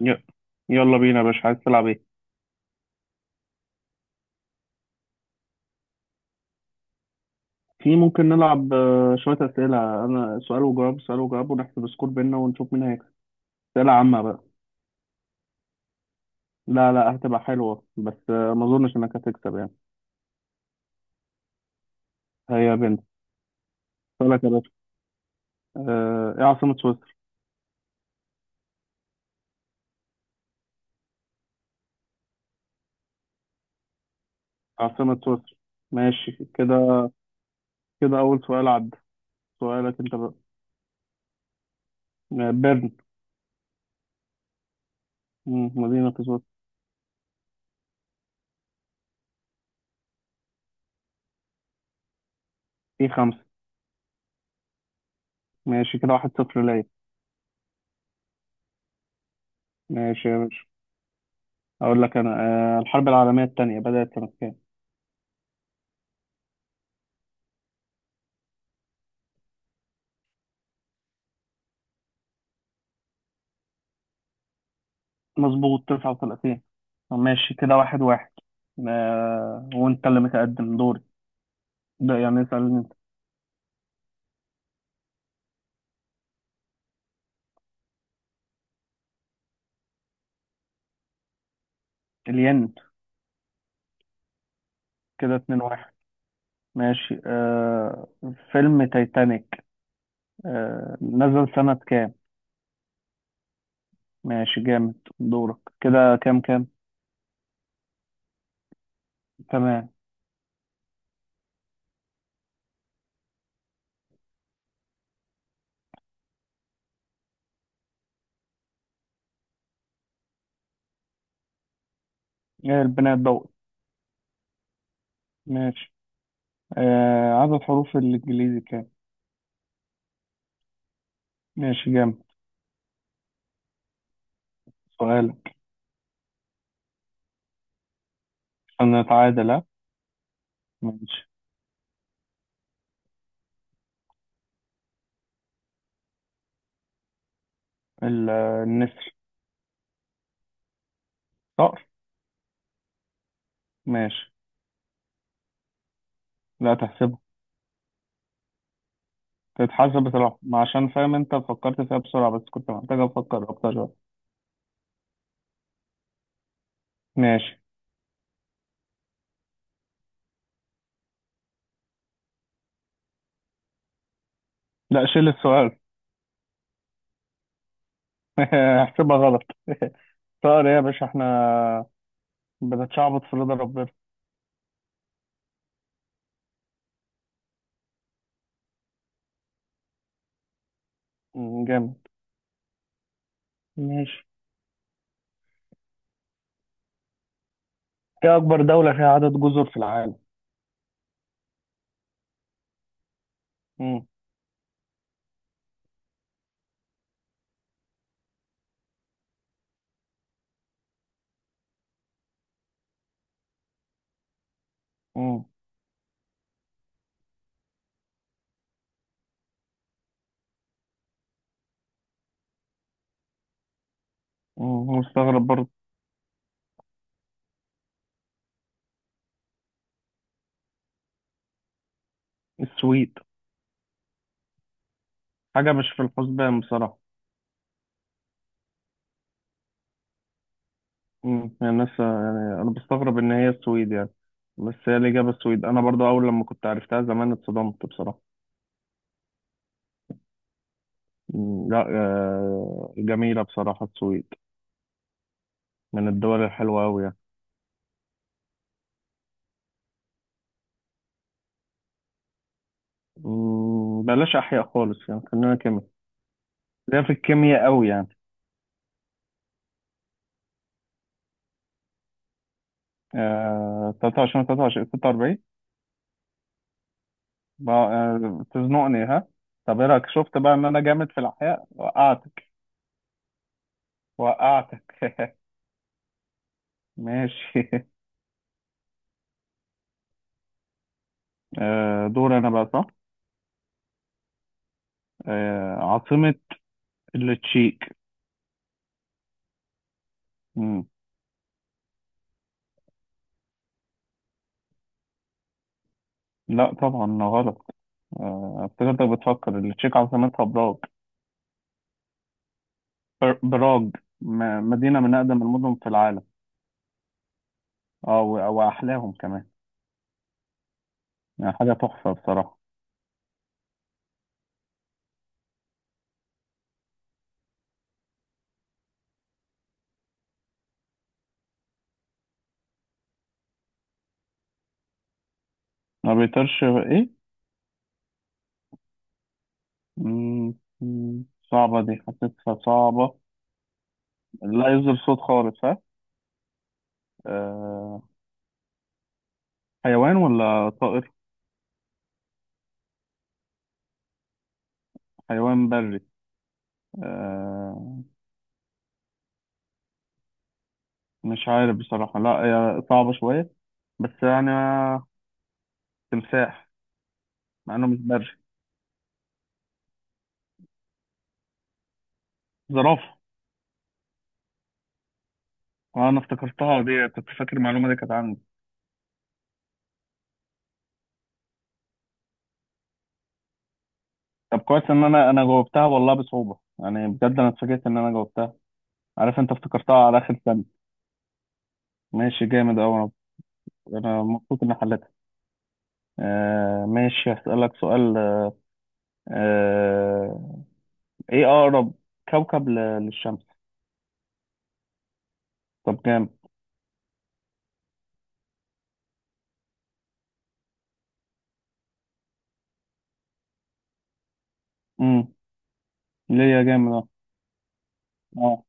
ي- يلا بينا يا باشا، عايز تلعب ايه؟ في ممكن نلعب شوية أسئلة. أنا سؤال وجواب سؤال وجواب، ونحسب سكور بينا ونشوف مين هيكسب. أسئلة عامة بقى. لا لا، هتبقى حلوة بس ما أظنش إنك هتكسب يعني. هيا بنت. سؤالك يا باشا. إيه عاصمة سويسرا؟ عاصمة سويسرا، ماشي كده. كده أول سؤال عدى. سؤالك أنت بقى. بيرن. مدينة في سويسرا. في خمسة. ماشي كده، 1-0 ليا. ماشي يا باشا. أقول لك أنا. الحرب العالمية التانية بدأت سنة كام؟ مظبوط، 39. ماشي كده، 1-1. وانت اللي متقدم دوري. ده يعني اسألني انت. الين. كده 2-1. ماشي. فيلم تايتانيك. نزل سنة كام؟ ماشي جامد. دورك كده، كام كام؟ تمام. ايه؟ البناء الضوئي. ماشي. عدد حروف الإنجليزي كام؟ ماشي جامد. سؤالك. أنا أتعادل ها؟ ماشي. ال- النسر. صقر. ماشي. لا، تحسب. تتحسب بصراحة، ما عشان فاهم انت فكرت فيها بسرعة، بس كنت محتاج افكر اكتر شوية. ماشي. لا، شيل السؤال. احسبها غلط. طائر ايه يا باشا، احنا بنتشعبط في رضا ربنا. جامد. ماشي. ايه اكبر دولة فيها عدد جزر في العالم؟ مم، مم، مستغرب برضه. السويد. حاجة مش في الحسبان بصراحة. يعني الناس، يعني انا بستغرب ان هي السويد يعني. بس هي الإجابة السويد. أنا برضو أول لما كنت عرفتها زمان اتصدمت بصراحة. لا، جميلة بصراحة السويد. من الدول الحلوة أوي يعني. بلاش أحياء خالص يعني، خلينا كيمياء. ليا في الكيمياء أوي يعني. 23 23 46. تزنقني ها؟ طب إيه رأيك، شفت بقى إن أنا جامد في الأحياء، وقعتك. وقعتك. ماشي. دور أنا بقى، صح. عاصمة التشيك. مم، لا طبعا غلط. افتكرتك بتفكر التشيك عاصمتها براغ. براغ. مدينة من أقدم المدن في العالم. و- وأحلاهم كمان. يعني حاجة تحفة بصراحة. ما بيطيرش؟ إيه؟ مم، مم، صعبة دي، حسيتها صعبة. لا يصدر صوت خالص ها؟ أه. حيوان ولا طائر؟ حيوان بري. أه، مش عارف بصراحة، لا هي صعبة شوية. بس يعني، تمساح. مع إنه مش بري. زرافة. أنا افتكرتها دي، كنت فاكر المعلومة دي كانت عندي. طب كويس ان انا جاوبتها والله، بصعوبه يعني، بجد انا اتفاجئت ان انا جاوبتها. عارف انت افتكرتها على اخر ثانيه. ماشي جامد اوي. انا مبسوط اني حلتها. ماشي، هسألك سؤال. آه ايه اقرب كوكب للشمس؟ طب جامد. امم ليه يا جامد؟ اه اه.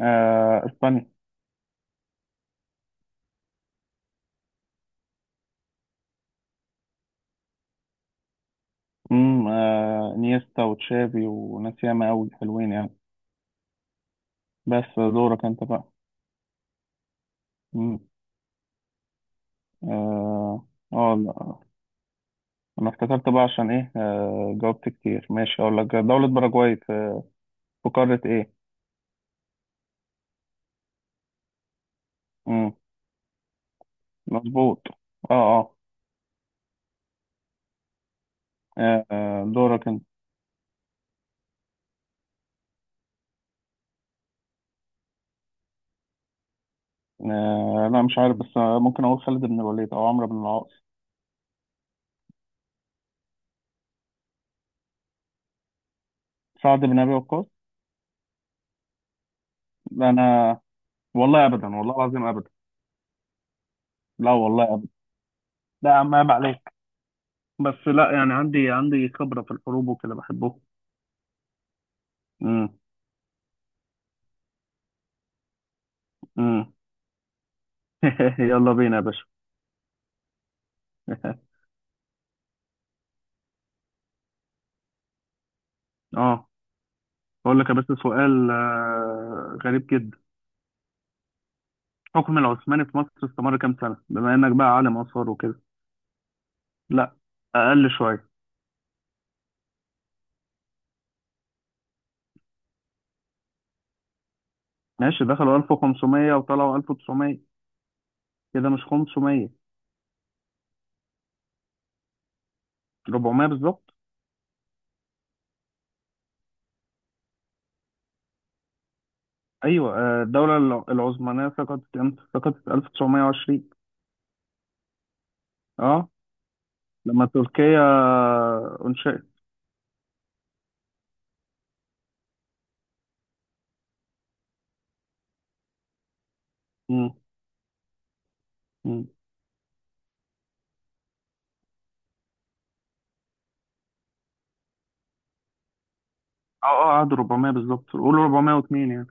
اسبانيا. نيستا وتشافي وناس ياما اوي حلوين يعني. بس دورك انت بقى. امم اه، لا انا افتكرت بقى عشان ايه، جاوبت كتير. ماشي، اقول لك: دولة باراجواي في قارة ايه؟ امم مظبوط، اه اه. دورك انت. لا مش عارف، بس ممكن اقول خالد بن الوليد او عمرو بن العاص. سعد بن ابي وقاص. لا، انا والله ابدا، والله العظيم ابدا. لا والله ابدا. لا يا عم، عيب عليك. بس لا يعني، عندي خبرة في الحروب وكده بحبه. امم. امم. يلا بينا يا باشا. اه، اقول لك يا باشا سؤال غريب جدا. الحكم العثماني في مصر استمر كام سنة، بما إنك بقى عالم آثار وكده؟ لا. أقل شوية. ماشي، دخلوا 1500 وطلعوا 1900. كده مش 500؟ 400 بالظبط. أيوة، الدولة العثمانية سقطت إمتى؟ سقطت 1920. أه، لما تركيا أنشئت. مم، مم. أه أه، قعدوا 400 بالظبط، قولوا 402 يعني.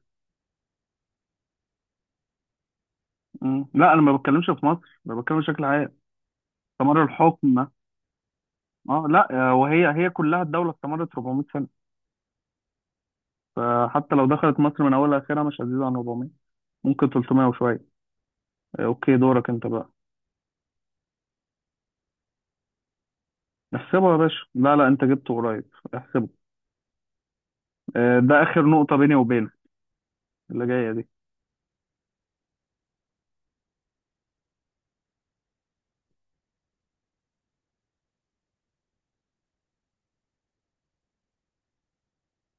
مم. لا، أنا ما بتكلمش في مصر، أنا بتكلم بشكل عام. استمر الحكم. أه، لا، وهي هي كلها الدولة استمرت 400. فحتى لو دخلت مصر من اولها لاخرها، مش هتزيد عن 400. ممكن 300 وشويه. اوكي، دورك انت بقى. احسبه يا باشا، لا لا، انت جبته قريب، احسبه. ده اخر نقطه بيني وبينك. اللي جايه دي.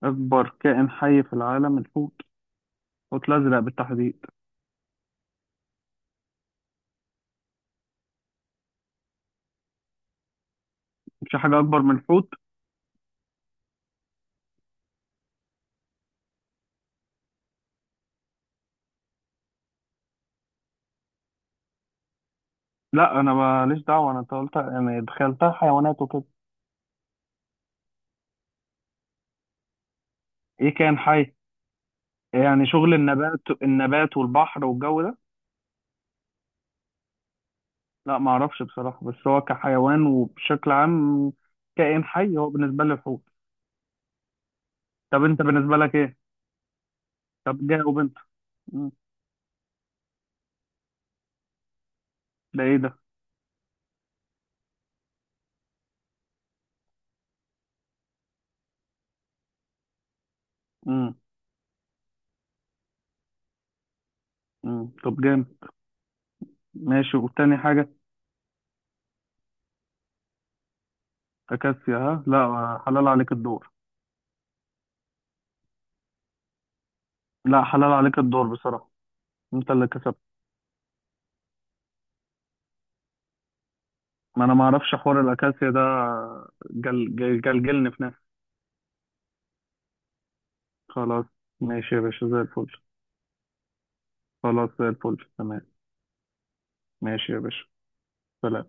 اكبر كائن حي في العالم الحوت. الحوت الازرق بالتحديد. مش حاجه اكبر من الحوت. لا، انا ماليش دعوه، انا قلت يعني دخلتها حيوانات وكده. ايه كائن حي؟ يعني شغل النبات النبات والبحر والجو ده. لا، ما اعرفش بصراحه، بس هو كحيوان وبشكل عام. كائن حي هو بالنسبه لي الحوت. طب انت بالنسبه لك ايه؟ طب جاوب انت. مم. ده ايه ده؟ مم. مم. طب جامد. ماشي، والتاني حاجه؟ اكاسيا ها؟ لا، حلال عليك الدور. لا، حلال عليك الدور بصراحه. انت اللي كسبت. ما انا ما اعرفش حوار الاكاسيا ده. جل جل جلجلني في نفسي. خلاص. ماشي يا باشا، زي الفل. خلاص، زي الفل، تمام. ماشي يا باشا. سلام.